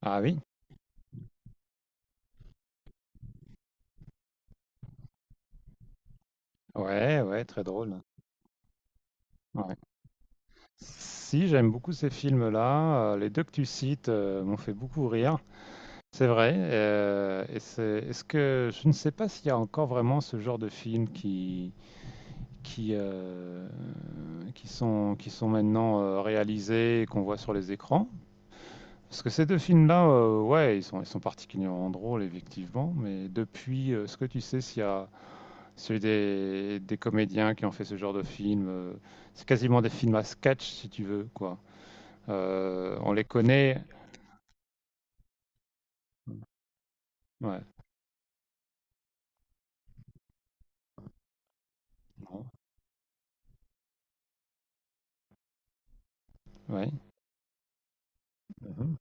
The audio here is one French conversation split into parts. Ah oui, ouais, ouais, très drôle. Ouais. Si, j'aime beaucoup ces films-là. Les deux que tu cites, m'ont fait beaucoup rire. C'est vrai. Est-ce que je ne sais pas s'il y a encore vraiment ce genre de films qui qui sont maintenant réalisés et qu'on voit sur les écrans. Parce que ces deux films-là, ouais, ils sont particulièrement drôles effectivement. Mais depuis, est-ce que tu sais s'il y a celui des, comédiens qui ont fait ce genre de film. C'est quasiment des films à sketch, si tu veux, quoi. On les connaît. Ouais. Non. Ouais. Mhm.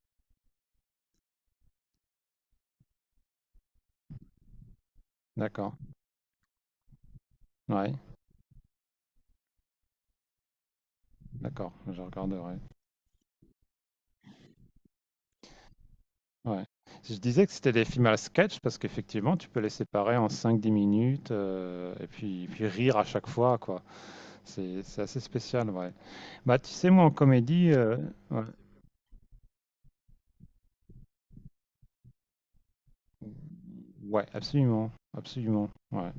D'accord, ouais, d'accord, je regarderai. Ouais. Je disais que c'était des films à sketch parce qu'effectivement, tu peux les séparer en cinq dix minutes et puis, rire à chaque fois, quoi. C'est assez spécial, ouais. Bah, tu sais, moi, en comédie, ouais, ouais, absolument, absolument, ouais.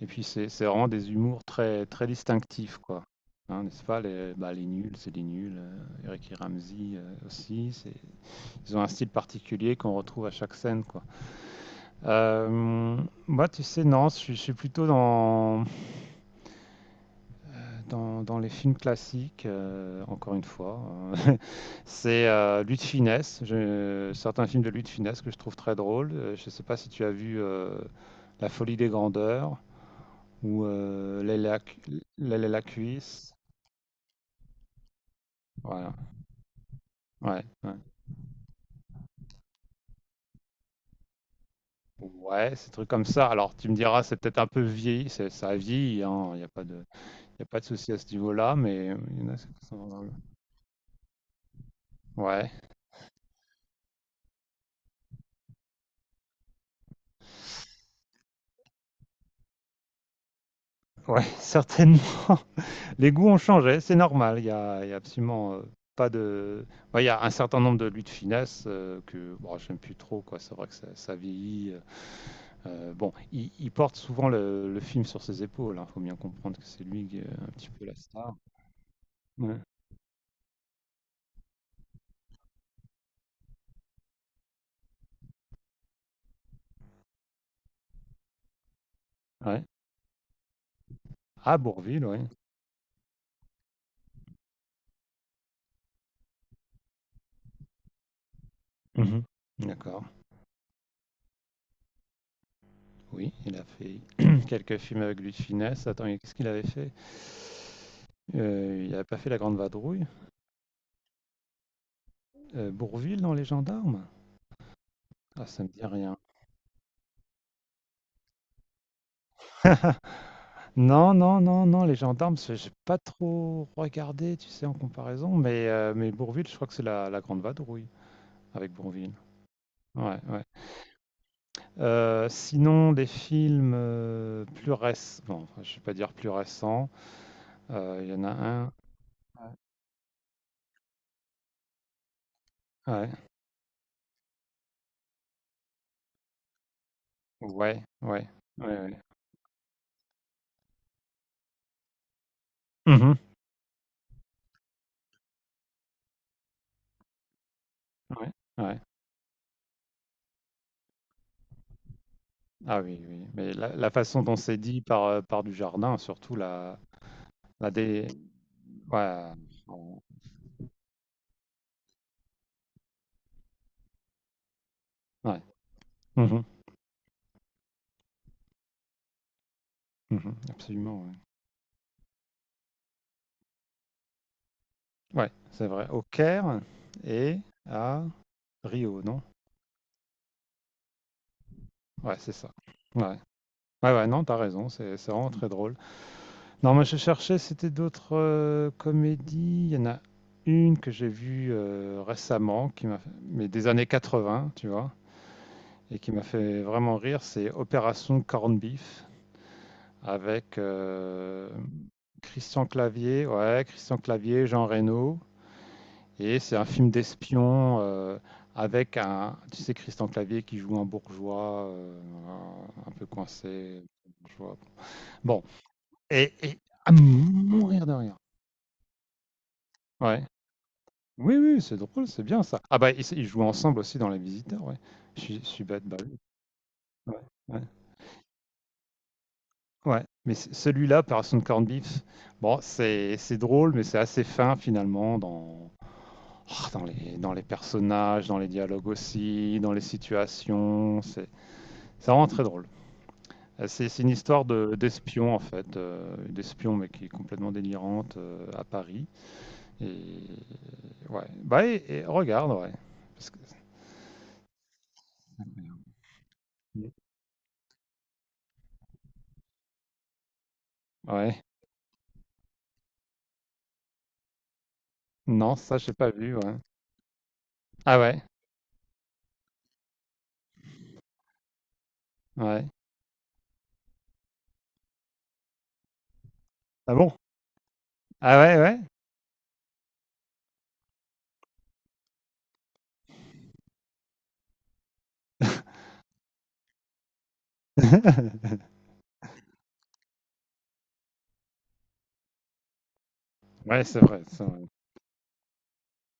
Et puis c'est vraiment des humours très très distinctifs, quoi, hein, n'est-ce pas? Bah, les nuls, c'est des nuls. Eric et Ramzy aussi, ils ont un style particulier qu'on retrouve à chaque scène, quoi. Euh, Moi, tu sais, non, je suis plutôt dans, dans les films classiques. Encore une fois, hein. C'est Louis de Funès. Certains films de Louis de Funès que je trouve très drôles. Je ne sais pas si tu as vu La Folie des Grandeurs ou L'aile à la cuisse. Voilà. Ouais, ouais. Ouais, ces trucs comme ça. Alors, tu me diras, c'est peut-être un peu vieilli, ça a vieilli, hein. Il n'y a pas de, il y a pas de souci à ce niveau-là, mais il y en a Ouais, ouais, certainement. Les goûts ont changé, c'est normal. Il y a absolument pas de. Ouais, il y a un certain nombre de luttes finesse que bon, j'aime plus trop, quoi. C'est vrai que ça vieillit. Bon, il porte souvent le film sur ses épaules. Il faut bien comprendre que c'est lui qui est un petit peu la star. Ouais. Ouais. Ah, Bourvil, oui. Mmh. D'accord. Oui, il a fait quelques films avec Louis de Funès. Attends, et qu'est-ce qu'il avait fait? Il n'avait pas fait La Grande Vadrouille? Bourvil dans Les Gendarmes? Ah, ça me dit rien. Non, non, non, non, Les Gendarmes, c'est j'ai pas trop regardé, tu sais, en comparaison, mais Bourvil, je crois que c'est La Grande Vadrouille avec Bourvil. Ouais, ouais. Sinon des films, plus récents. Bon, enfin, je vais pas dire plus récents. Il y en a un. Ouais. Ouais. Ouais, ouais. Ouais, ouais. Mmh. Ouais, ouais. Ah oui, oui, mais la façon dont c'est dit par, par du jardin, surtout la la dé ouais, on ouais. Mmh mh. Mmh. Absolument, ouais. Ouais, c'est vrai. Au Caire et à Rio, non? Ouais, c'est ça. Ouais. Ouais, ouais, non, t'as raison, c'est vraiment très drôle. Non, moi, je cherchais, c'était d'autres, comédies. Il y en a une que j'ai vue, récemment qui m'a f mais des années 80, tu vois? Et qui m'a fait vraiment rire, c'est Opération Corned Beef avec Christian Clavier, ouais, Christian Clavier, Jean Reno. Et c'est un film d'espion avec un, tu sais, Christian Clavier qui joue un bourgeois un peu coincé. Bourgeois. Bon, et à mourir de rire. Ouais. Oui, oui, c'est drôle, c'est bien ça. Ah bah, ils jouent ensemble aussi dans Les Visiteurs, ouais. Je suis bête, bah oui. Ouais, ouais. Ouais, mais celui-là, Operation Corned Beef, bon, c'est drôle, mais c'est assez fin finalement dans les personnages, dans les dialogues aussi, dans les situations. C'est vraiment très drôle. C'est une histoire de d'espion en fait, d'espion mais qui est complètement délirante à Paris. Et ouais, bah et regarde, ouais. Parce que- Ouais, non, ça j'ai pas vu, ouais. Ah ouais, ouais. Ah bon? Ah ouais, ouais. Ouais, c'est vrai, c'est vrai.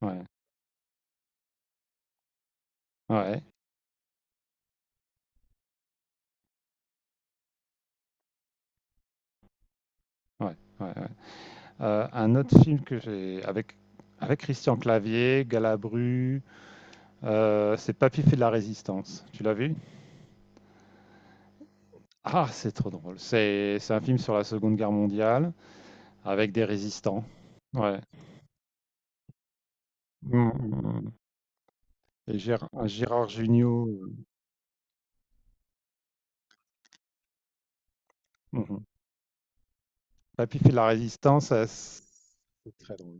Ouais. Ouais, ouais, ouais, ouais. Un autre film que j'ai avec Christian Clavier, Galabru, c'est Papy fait de la résistance. Tu l'as vu? Ah, c'est trop drôle. C'est un film sur la Seconde Guerre mondiale avec des résistants. Ouais. Mmh, mmh, mmh. Et Gérard Jugnot, mmh mh. Papy fait de la résistance, c'est très drôle.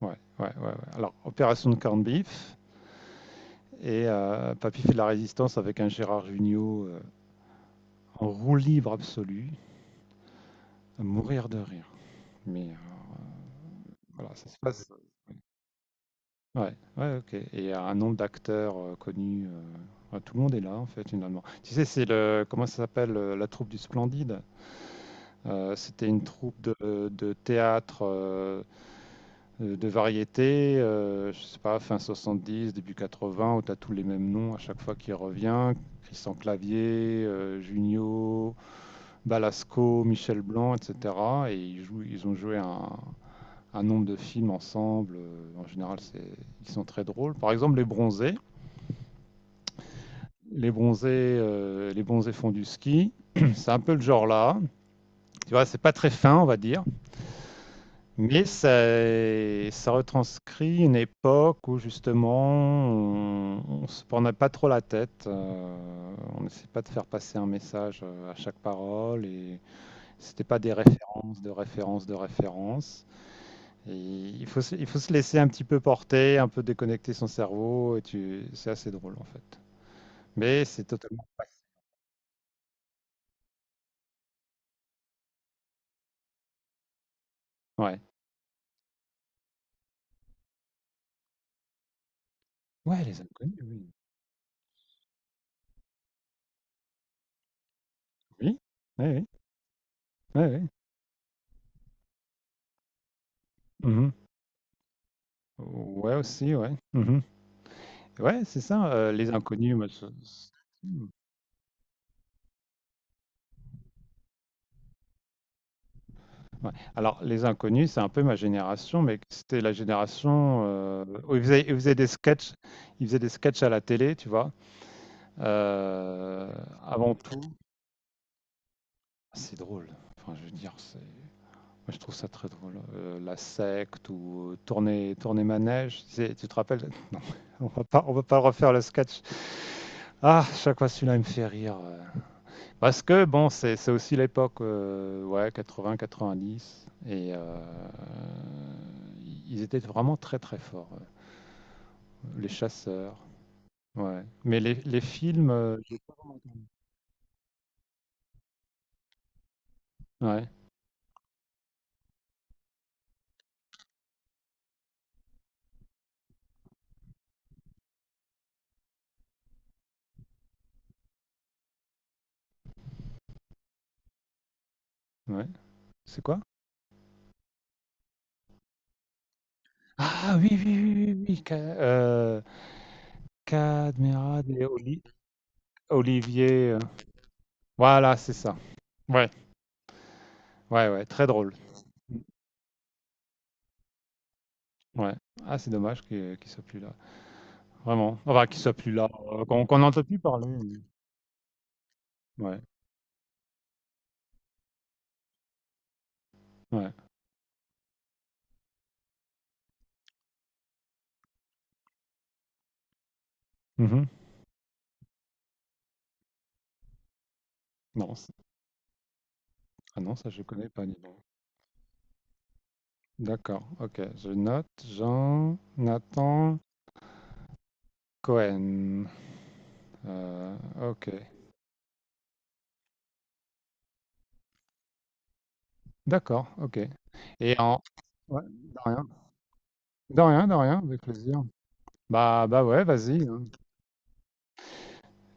Ouais, ouais, ouais, ouais. Alors Opération de corned beef et Papy fait de la résistance avec un Gérard Jugnot, en roue libre absolue. À mourir de rire. Mais voilà, ça se passe. Ouais, ouais, ok. Et il y a un nombre d'acteurs connus. Ouais, tout le monde est là, en fait, finalement. Tu sais, c'est le. Comment ça s'appelle La troupe du Splendide. C'était une troupe de théâtre de variété, je sais pas, fin 70, début 80, où tu as tous les mêmes noms à chaque fois qu'il revient. Christian Clavier, Junio, Balasco, Michel Blanc, etc. Et ils ont joué un nombre de films ensemble. En général, ils sont très drôles. Par exemple, Les Bronzés. Les Bronzés, les Bronzés font du ski. C'est un peu le genre là. Tu vois, c'est pas très fin, on va dire, mais ça retranscrit une époque où justement on se prenait pas trop la tête. On n'essayait pas de faire passer un message à chaque parole et c'était pas des références, de références, de références. Et il faut se laisser un petit peu porter, un peu déconnecter son cerveau, et tu... c'est assez drôle en fait. Mais c'est totalement. Ouais. Ouais, les inconnus, oui. Oui, oui, oui. Ouais, ouais. Mhm. Ouais, aussi, ouais. Mhm. Ouais, c'est ça, les inconnus. Hmm. Ouais. Alors, les inconnus, c'est un peu ma génération, mais c'était la génération où ils faisaient des sketchs, ils faisaient des sketchs à la télé, tu vois. Euh, Avant tout, c'est drôle. Enfin, je veux dire, moi, je trouve ça très drôle. La secte ou tourner manège. Tu sais, tu te rappelles? Non, on va pas refaire le sketch. Ah, chaque fois celui-là, il me fait rire. Parce que bon, c'est aussi l'époque, ouais, quatre-vingts, quatre-vingt-dix. Et ils étaient vraiment très, très forts. Les chasseurs. Ouais. Mais les films. Ouais, ouais. C'est quoi? Ah oui, oui, oui, oui, oui. Oui, Cadmerade et Olivier. Voilà, c'est ça. Ouais, ouais, ouais, très drôle. Mm. Ouais. Ah, c'est dommage qu'il soit plus là. Vraiment. Enfin, qu'il soit plus là. Qu'on n'entend plus parler. Ouais, ouais. Mhm. Non, c'est- ah non, ça je connais pas, dis donc. D'accord, ok. Je note Jean Nathan Cohen. Euh, ok. D'accord, ok. Et en. Ouais, de rien. De rien, de rien, avec plaisir. Bah, bah ouais, vas-y, hein.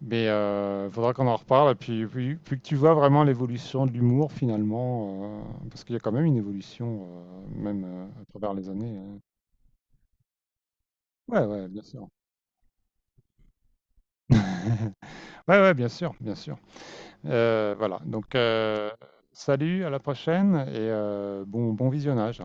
Mais il faudra qu'on en reparle. Et puis que tu vois vraiment l'évolution de l'humour finalement, parce qu'il y a quand même une évolution, même à travers les années, hein. Ouais, ouais, bien sûr. Ouais, ouais, bien sûr, bien sûr. Voilà, donc salut, à la prochaine et bon, bon visionnage.